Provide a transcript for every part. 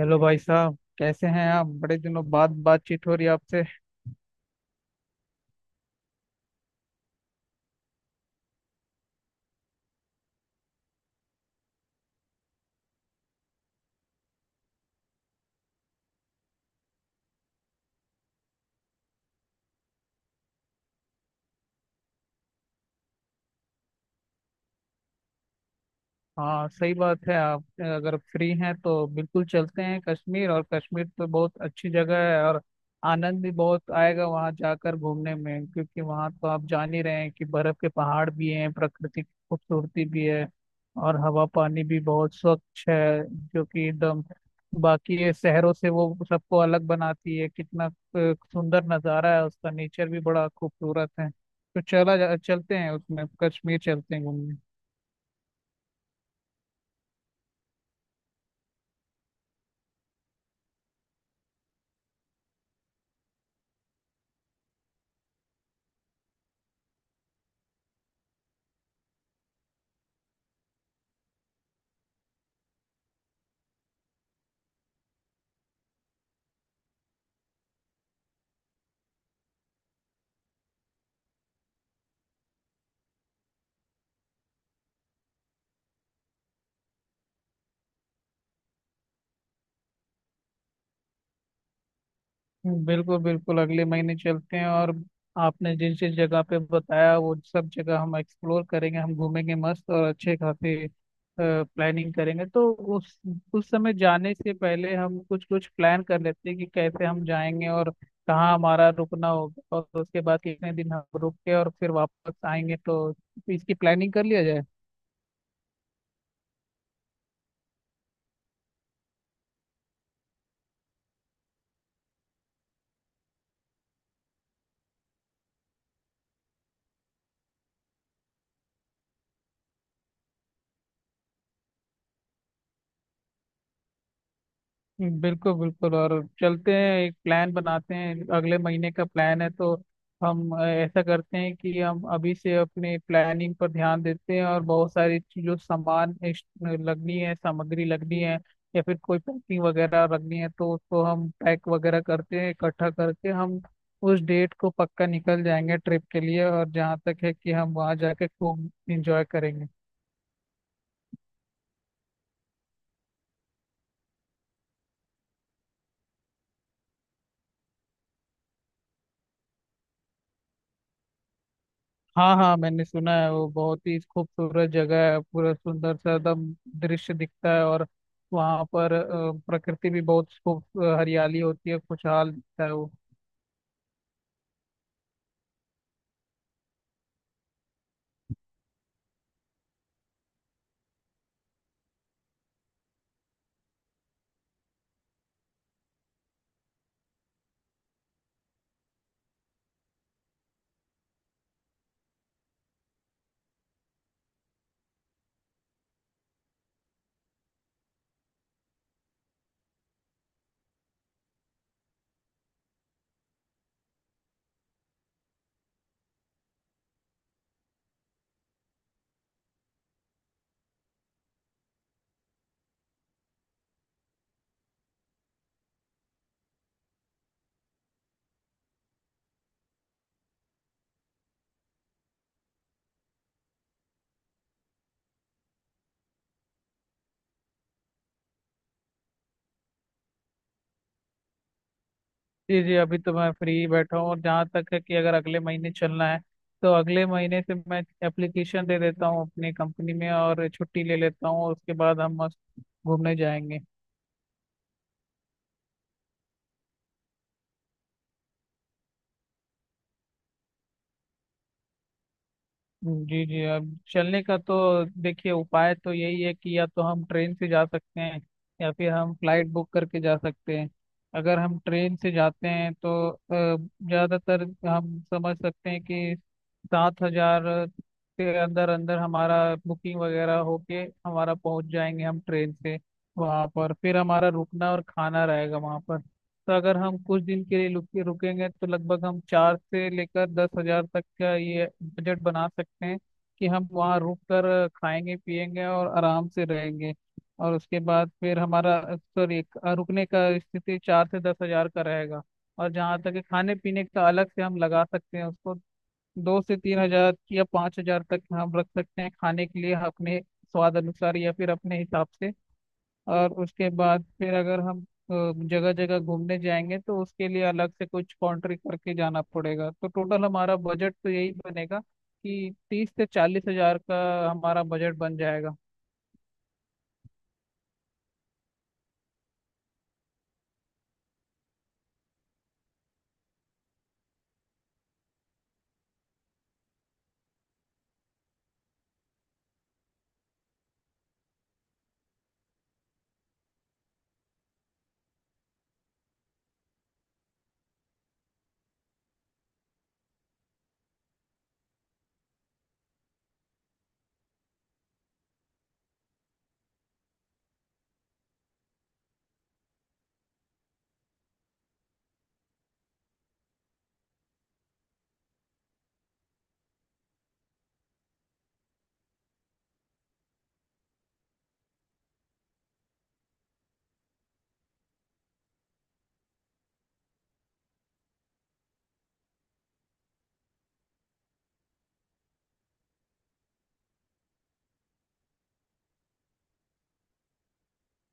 Hello भाई साहब, कैसे हैं आप? बड़े दिनों बाद बातचीत हो रही है आपसे। हाँ, सही बात है। आप अगर फ्री हैं तो बिल्कुल चलते हैं कश्मीर। और कश्मीर तो बहुत अच्छी जगह है, और आनंद भी बहुत आएगा वहाँ जाकर घूमने में, क्योंकि वहाँ तो आप जान ही रहे हैं कि बर्फ के पहाड़ भी हैं, प्रकृति की खूबसूरती भी है, और हवा पानी भी बहुत स्वच्छ है, जो कि एकदम बाकी ये शहरों से वो सबको अलग बनाती है। कितना सुंदर नज़ारा है उसका, नेचर भी बड़ा खूबसूरत है। तो चला जा, चलते हैं उसमें, कश्मीर चलते हैं घूमने। बिल्कुल बिल्कुल, अगले महीने चलते हैं। और आपने जिस जिस जगह पे बताया, वो सब जगह हम एक्सप्लोर करेंगे, हम घूमेंगे मस्त, और अच्छे खासे प्लानिंग करेंगे। तो उस उस समय जाने से पहले हम कुछ कुछ प्लान कर लेते हैं कि कैसे हम जाएंगे, और कहाँ हमारा रुकना होगा, और उसके बाद कितने दिन हम रुक के और फिर वापस आएंगे। तो इसकी प्लानिंग कर लिया जाए। बिल्कुल बिल्कुल। और चलते हैं, एक प्लान बनाते हैं। अगले महीने का प्लान है, तो हम ऐसा करते हैं कि हम अभी से अपने प्लानिंग पर ध्यान देते हैं, और बहुत सारी जो सामान लगनी है, सामग्री लगनी है, या फिर कोई पैकिंग वगैरह रखनी है, तो उसको हम पैक वगैरह करते हैं, इकट्ठा करके हम उस डेट को पक्का निकल जाएंगे ट्रिप के लिए। और जहाँ तक है कि हम वहाँ जाके खूब इंजॉय करेंगे। हाँ हाँ, मैंने सुना है, वो बहुत ही खूबसूरत जगह है। पूरा सुंदर सा एकदम दृश्य दिखता है, और वहाँ पर प्रकृति भी बहुत खूब हरियाली होती है, खुशहाल दिखता है वो। जी जी, अभी तो मैं फ्री बैठा हूँ। और जहाँ तक है कि अगर अगले महीने चलना है, तो अगले महीने से मैं एप्लीकेशन दे देता हूँ अपनी कंपनी में, और छुट्टी ले लेता हूँ, और उसके बाद हम मस्त घूमने जाएंगे। जी जी, अब चलने का तो देखिए उपाय तो यही है कि या तो हम ट्रेन से जा सकते हैं, या फिर हम फ्लाइट बुक करके जा सकते हैं। अगर हम ट्रेन से जाते हैं तो ज़्यादातर हम समझ सकते हैं कि 7 हजार के अंदर अंदर हमारा बुकिंग वगैरह होके हमारा पहुंच जाएंगे हम ट्रेन से। वहाँ पर फिर हमारा रुकना और खाना रहेगा वहाँ पर। तो अगर हम कुछ दिन के लिए रुकेंगे तो लगभग हम 4 से लेकर 10 हजार तक का ये बजट बना सकते हैं कि हम वहाँ रुक कर खाएंगे पिएंगे और आराम से रहेंगे। और उसके बाद फिर हमारा, सॉरी, रुकने का स्थिति 4 से 10 हजार का रहेगा। और जहाँ तक है, खाने पीने का अलग से हम लगा सकते हैं उसको। 2 से 3 हजार या 5 हजार तक हम रख सकते हैं खाने के लिए, अपने स्वाद अनुसार या फिर अपने हिसाब से। और उसके बाद फिर अगर हम जगह जगह घूमने जाएंगे तो उसके लिए अलग से कुछ कॉन्ट्री करके जाना पड़ेगा। तो टोटल हमारा बजट तो यही बनेगा, कि 30 से 40 हजार का हमारा बजट बन जाएगा।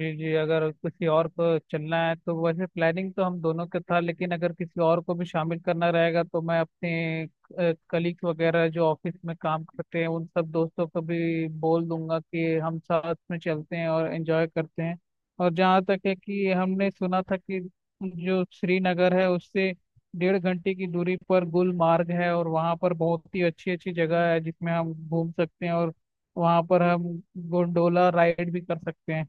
जी जी, अगर किसी और को चलना है, तो वैसे प्लानिंग तो हम दोनों का था, लेकिन अगर किसी और को भी शामिल करना रहेगा, तो मैं अपने कलीग्स वगैरह जो ऑफिस में काम करते हैं उन सब दोस्तों को भी बोल दूंगा कि हम साथ में चलते हैं और एंजॉय करते हैं। और जहाँ तक है कि हमने सुना था कि जो श्रीनगर है उससे डेढ़ घंटे की दूरी पर गुलमार्ग है, और वहाँ पर बहुत ही अच्छी अच्छी जगह है जिसमें हम घूम सकते हैं, और वहाँ पर हम गोंडोला राइड भी कर सकते हैं।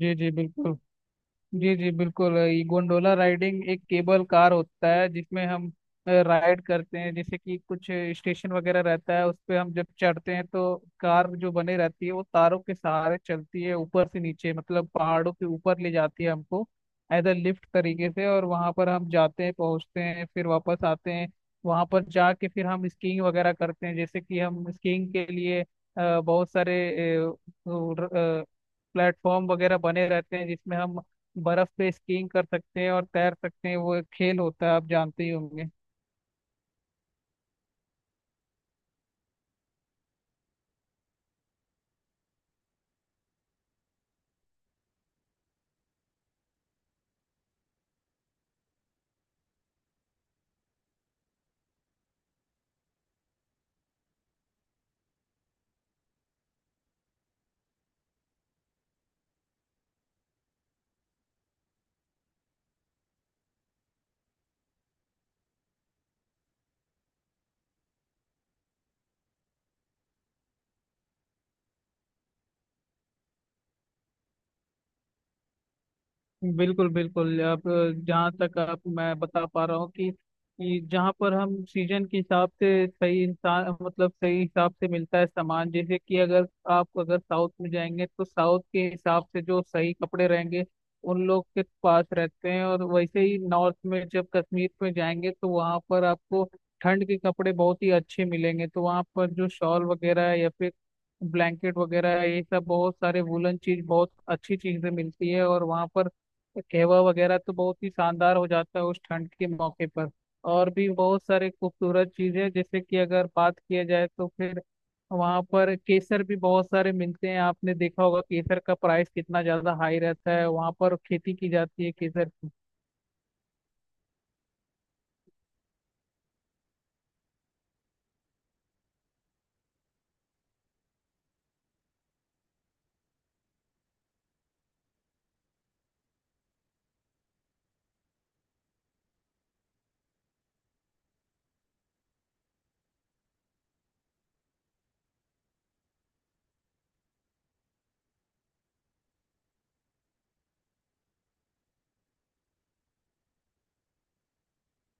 जी जी बिल्कुल। जी जी बिल्कुल, ये गोंडोला राइडिंग एक केबल कार होता है जिसमें हम राइड करते हैं। जैसे कि कुछ स्टेशन वगैरह रहता है, उस पे हम जब चढ़ते हैं तो कार जो बनी रहती है वो तारों के सहारे चलती है ऊपर से नीचे, मतलब पहाड़ों के ऊपर ले जाती है हमको एज अ लिफ्ट तरीके से। और वहां पर हम जाते हैं, पहुंचते हैं, फिर वापस आते हैं। वहां पर जाके फिर हम स्कीइंग वगैरह करते हैं। जैसे कि हम स्कीइंग के लिए बहुत सारे अ, अ, प्लेटफॉर्म वगैरह बने रहते हैं जिसमें हम बर्फ पे स्कीइंग कर सकते हैं और तैर सकते हैं। वो एक खेल होता है, आप जानते ही होंगे। बिल्कुल बिल्कुल। आप, जहाँ तक आप मैं बता पा रहा हूँ, कि जहाँ पर हम सीजन के हिसाब से सही इंसान, मतलब सही हिसाब से मिलता है सामान। जैसे कि अगर आप, अगर साउथ में जाएंगे तो साउथ के हिसाब से जो सही कपड़े रहेंगे उन लोग के पास रहते हैं। और वैसे ही नॉर्थ में, जब कश्मीर में जाएंगे तो वहाँ पर आपको ठंड के कपड़े बहुत ही अच्छे मिलेंगे। तो वहाँ पर जो शॉल वगैरह है, या फिर ब्लैंकेट वगैरह है, ये सब बहुत सारे वुलन चीज, बहुत अच्छी चीजें मिलती है। और वहाँ पर कहवा वगैरह तो बहुत ही शानदार हो जाता है उस ठंड के मौके पर। और भी बहुत सारे खूबसूरत चीजें, जैसे कि अगर बात किया जाए, तो फिर वहाँ पर केसर भी बहुत सारे मिलते हैं। आपने देखा होगा केसर का प्राइस कितना ज्यादा हाई रहता है, वहाँ पर खेती की जाती है केसर की।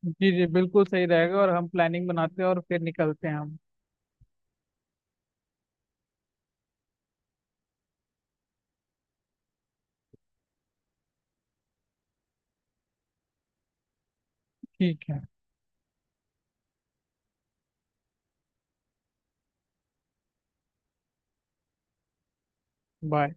जी जी बिल्कुल सही रहेगा, और हम प्लानिंग बनाते हैं और फिर निकलते हैं हम। ठीक है। बाय।